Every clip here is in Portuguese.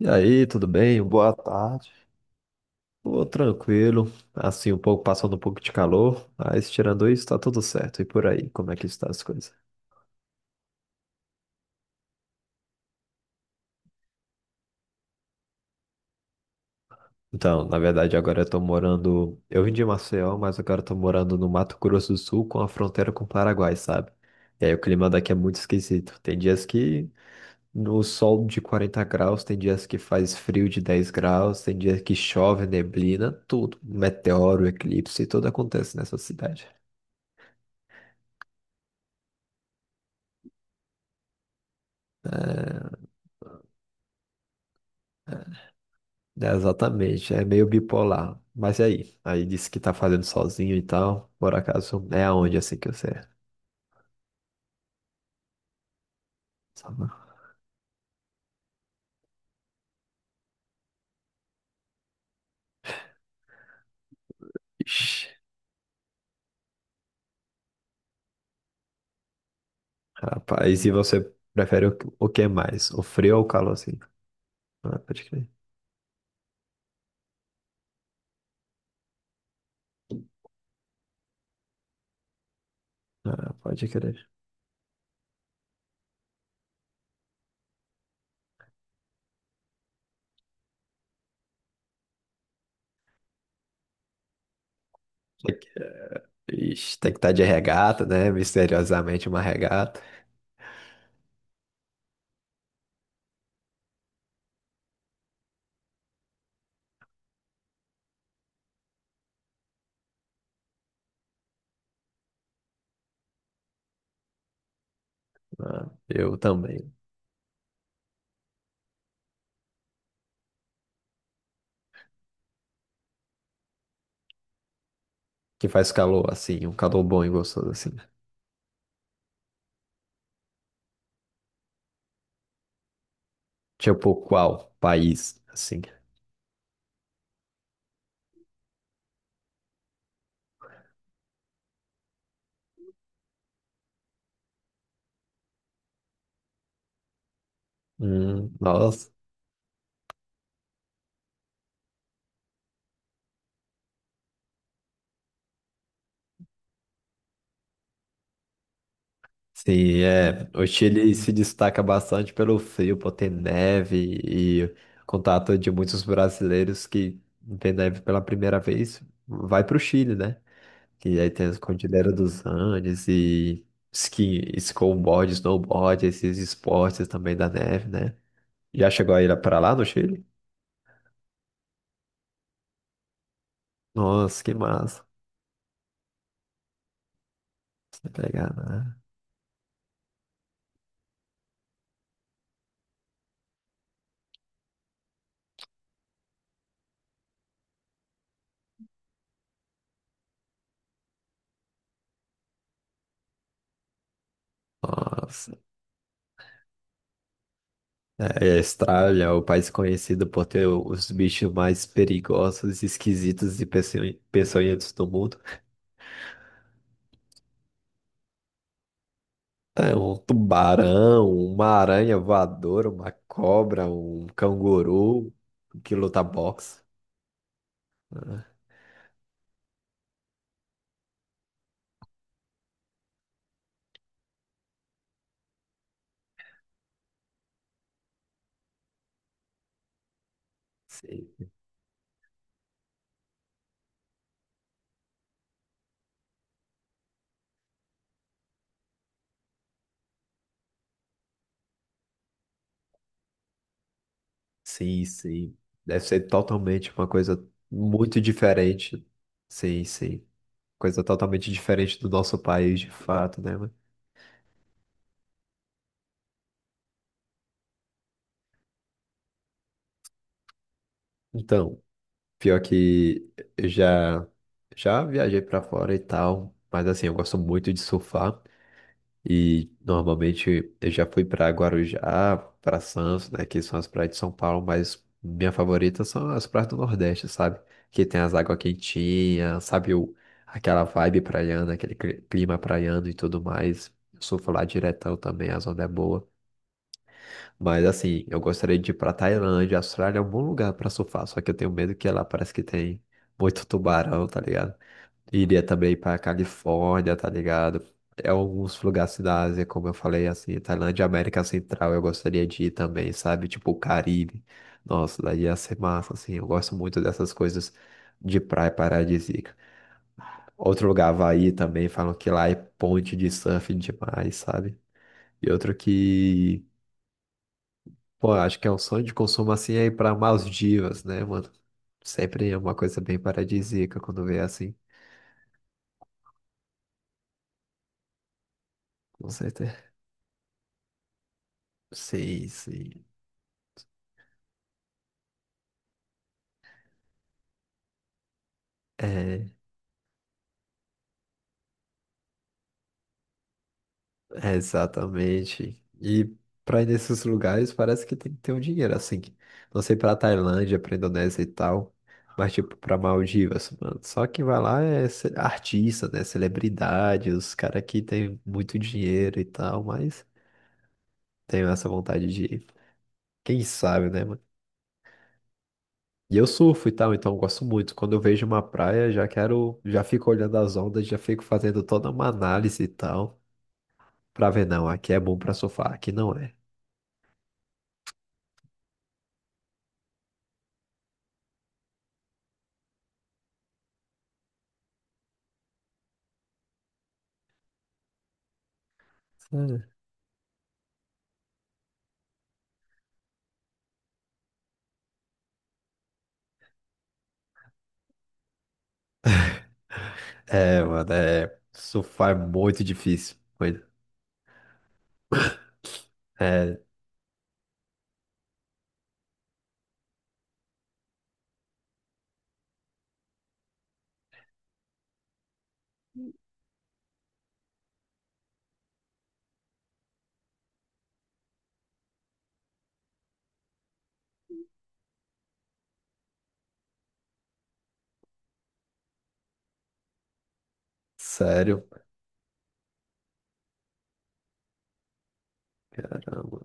E aí, tudo bem? Boa tarde. Pô, tranquilo. Assim, um pouco passando um pouco de calor, mas tirando isso, tá tudo certo. E por aí, como é que está as coisas? Então, na verdade, agora eu tô morando. Eu vim de Maceió, mas agora eu tô morando no Mato Grosso do Sul com a fronteira com o Paraguai, sabe? E aí o clima daqui é muito esquisito. Tem dias que no sol de 40 graus, tem dias que faz frio de 10 graus, tem dias que chove, neblina, tudo. Meteoro, eclipse, tudo acontece nessa cidade. É, exatamente, é meio bipolar. Mas e aí? Aí disse que tá fazendo sozinho e tal. Por acaso é aonde assim que você é? Sabe? Ixi, rapaz, e você prefere o que mais? O frio ou o calor assim? Ah, pode crer. Ah, pode crer. Tem que- Ixi, tem que estar de regata, né? Misteriosamente uma regata. Ah, eu também. Que faz calor assim, um calor bom e gostoso assim. Tipo, qual país assim? Nossa. Sim, é. O Chile se destaca bastante pelo frio, por ter neve e contato de muitos brasileiros que vê neve pela primeira vez, vai para o Chile, né? E aí tem as Cordilheira dos Andes e ski, snowboard, snowboard, esses esportes também da neve, né? Já chegou a ir para lá no Chile? Nossa, que massa. Você pegar, né? Nossa. É, a Austrália é o país conhecido por ter os bichos mais perigosos, esquisitos e peçonhentos do mundo. É um tubarão, uma aranha voadora, uma cobra, um canguru que luta boxe. Né? Sim, sim, sim. Deve ser totalmente uma coisa muito diferente. Sim, sim. Coisa totalmente diferente do nosso país, de fato, né, mano? Então, pior que eu já, já viajei pra fora e tal, mas assim, eu gosto muito de surfar e normalmente eu já fui pra Guarujá, pra Santos, né, que são as praias de São Paulo, mas minha favorita são as praias do Nordeste, sabe? Que tem as águas quentinhas, sabe? O, aquela vibe praiana, aquele clima praiano e tudo mais. Eu surfo lá diretão também, a zona é boa. Mas assim, eu gostaria de ir pra Tailândia. A Austrália é um bom lugar pra surfar, só que eu tenho medo que lá parece que tem muito tubarão, tá ligado? Iria também pra Califórnia, tá ligado? É alguns lugares da Ásia, como eu falei, assim, Tailândia, América Central, eu gostaria de ir também, sabe? Tipo o Caribe. Nossa, daí ia ser massa, assim. Eu gosto muito dessas coisas de praia paradisíaca. Outro lugar, Havaí também, falam que lá é ponte de surf demais, sabe? E outro que pô, acho que é um sonho de consumo assim é ir pra Maldivas, né, mano? Sempre é uma coisa bem paradisíaca quando vê assim, com certeza. Sim, sim. É, é exatamente. E pra ir nesses lugares parece que tem que ter um dinheiro, assim. Não sei pra Tailândia, pra Indonésia e tal, mas tipo pra Maldivas, mano. Só quem vai lá é artista, né? Celebridade, os caras que tem muito dinheiro e tal, mas tenho essa vontade de ir. Quem sabe, né, mano? E eu surfo e tal, então eu gosto muito. Quando eu vejo uma praia, já quero, já fico olhando as ondas, já fico fazendo toda uma análise e tal, pra ver, não, aqui é bom pra surfar, aqui não é. Sério? Surfar é muito difícil, mano. É, sério, caramba.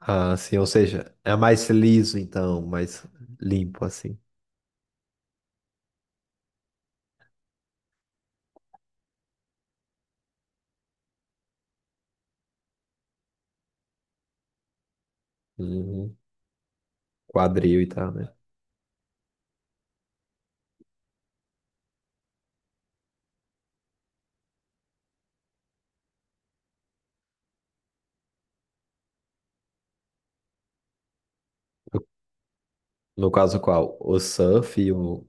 Ah, assim, ou seja, é mais liso então, mais limpo assim. Uhum. Quadril e tal, né? No no caso qual?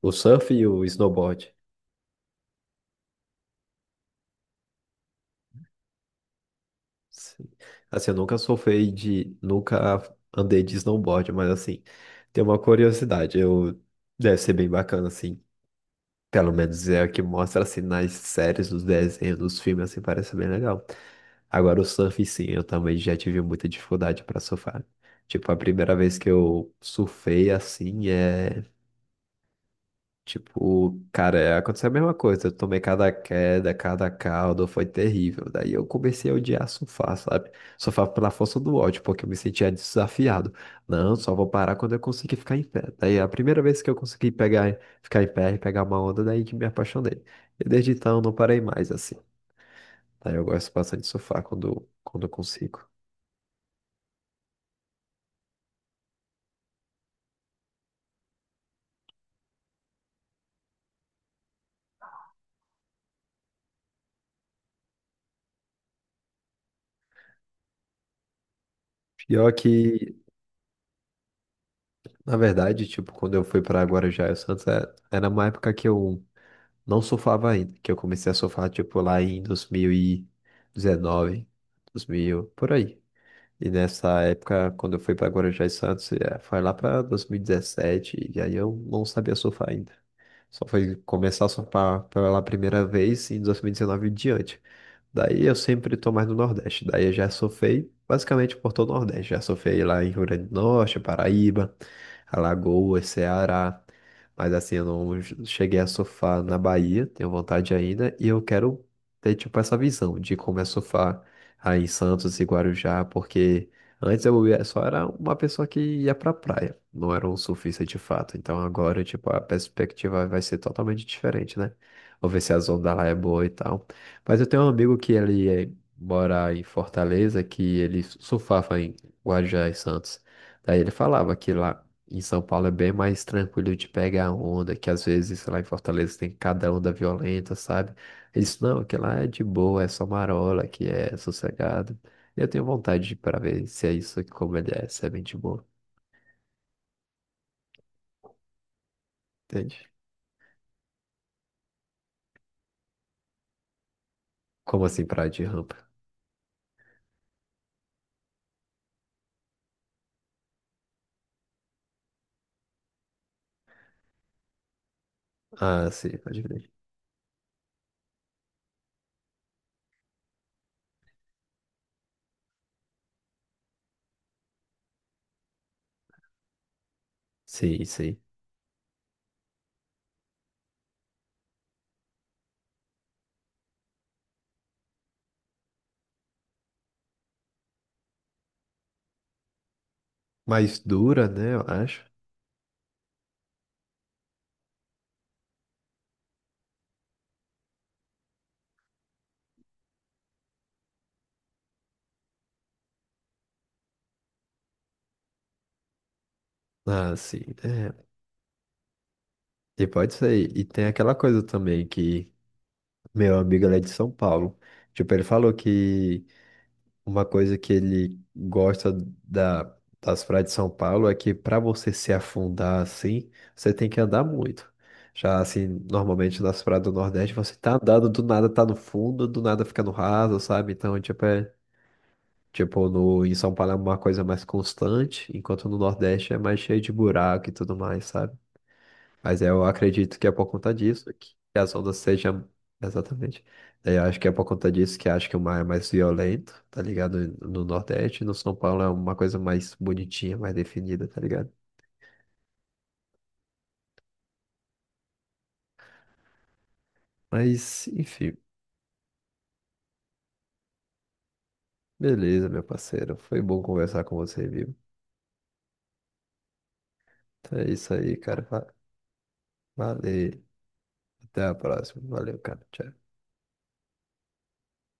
O surf e o snowboard. Sim. Assim, eu nunca surfei de. Nunca andei de snowboard, mas assim, tem uma curiosidade. Eu, deve ser bem bacana, assim. Pelo menos é o que mostra assim nas séries, nos desenhos, nos filmes, assim, parece bem legal. Agora o surf, sim, eu também já tive muita dificuldade para surfar. Tipo, a primeira vez que eu surfei assim é. Tipo, cara, é, aconteceu a mesma coisa. Eu tomei cada queda, cada caldo, foi terrível. Daí eu comecei a odiar surfar, sabe? Surfar pela força do ódio, porque eu me sentia desafiado. Não, só vou parar quando eu conseguir ficar em pé. Daí a primeira vez que eu consegui pegar, ficar em pé e pegar uma onda, daí que me apaixonei. E desde então não parei mais, assim. Daí eu gosto bastante de surfar quando, quando eu consigo. Pior que, na verdade, tipo, quando eu fui pra Guarujá e Santos, era uma época que eu não surfava ainda, que eu comecei a surfar, tipo, lá em 2019, 2000, por aí. E nessa época, quando eu fui para Guarujá e Santos, foi lá para 2017, e dezessete, e aí eu não sabia surfar ainda. Só foi começar a surfar pela primeira vez em 2019 e diante. Daí eu sempre tô mais no Nordeste. Daí eu já surfei basicamente por todo o Nordeste. Já surfei lá em Rio Grande do Norte, Paraíba, Alagoas, Ceará. Mas assim, eu não cheguei a surfar na Bahia, tenho vontade ainda. E eu quero ter tipo essa visão de como é surfar aí em Santos e Guarujá, porque. Só era uma pessoa que ia pra praia, não era um surfista de fato. Então agora, tipo, a perspectiva vai ser totalmente diferente, né? Vou ver se a onda lá é boa e tal. Mas eu tenho um amigo que mora em Fortaleza, que ele surfava em Guarujá e Santos. Daí ele falava que lá em São Paulo é bem mais tranquilo de pegar onda, que às vezes lá em Fortaleza tem cada onda violenta, sabe? Ele disse, não, que lá é de boa, é só marola, que é sossegado. Eu tenho vontade pra ver se é isso, como ele é, se é bem de boa, entende? Como assim, praia de rampa? Ah, sim, pode ver. Sim, sim. Mais dura, né, eu acho. Ah, sim, é. E pode ser. E tem aquela coisa também que meu amigo ele é de São Paulo. Tipo, ele falou que uma coisa que ele gosta da, das praias de São Paulo é que para você se afundar assim, você tem que andar muito. Já assim, normalmente nas praias do Nordeste, você tá andando, do nada tá no fundo, do nada fica no raso, sabe? Então, tipo, é, tipo no, em São Paulo é uma coisa mais constante, enquanto no Nordeste é mais cheio de buraco e tudo mais, sabe? Mas eu acredito que é por conta disso que as ondas sejam. Exatamente. Daí eu acho que é por conta disso que acho que o mar é mais violento, tá ligado? No Nordeste, no São Paulo é uma coisa mais bonitinha, mais definida, tá ligado? Mas, enfim, beleza, meu parceiro. Foi bom conversar com você, viu? Então é isso aí, cara. Valeu. Até a próxima. Valeu, cara. Tchau.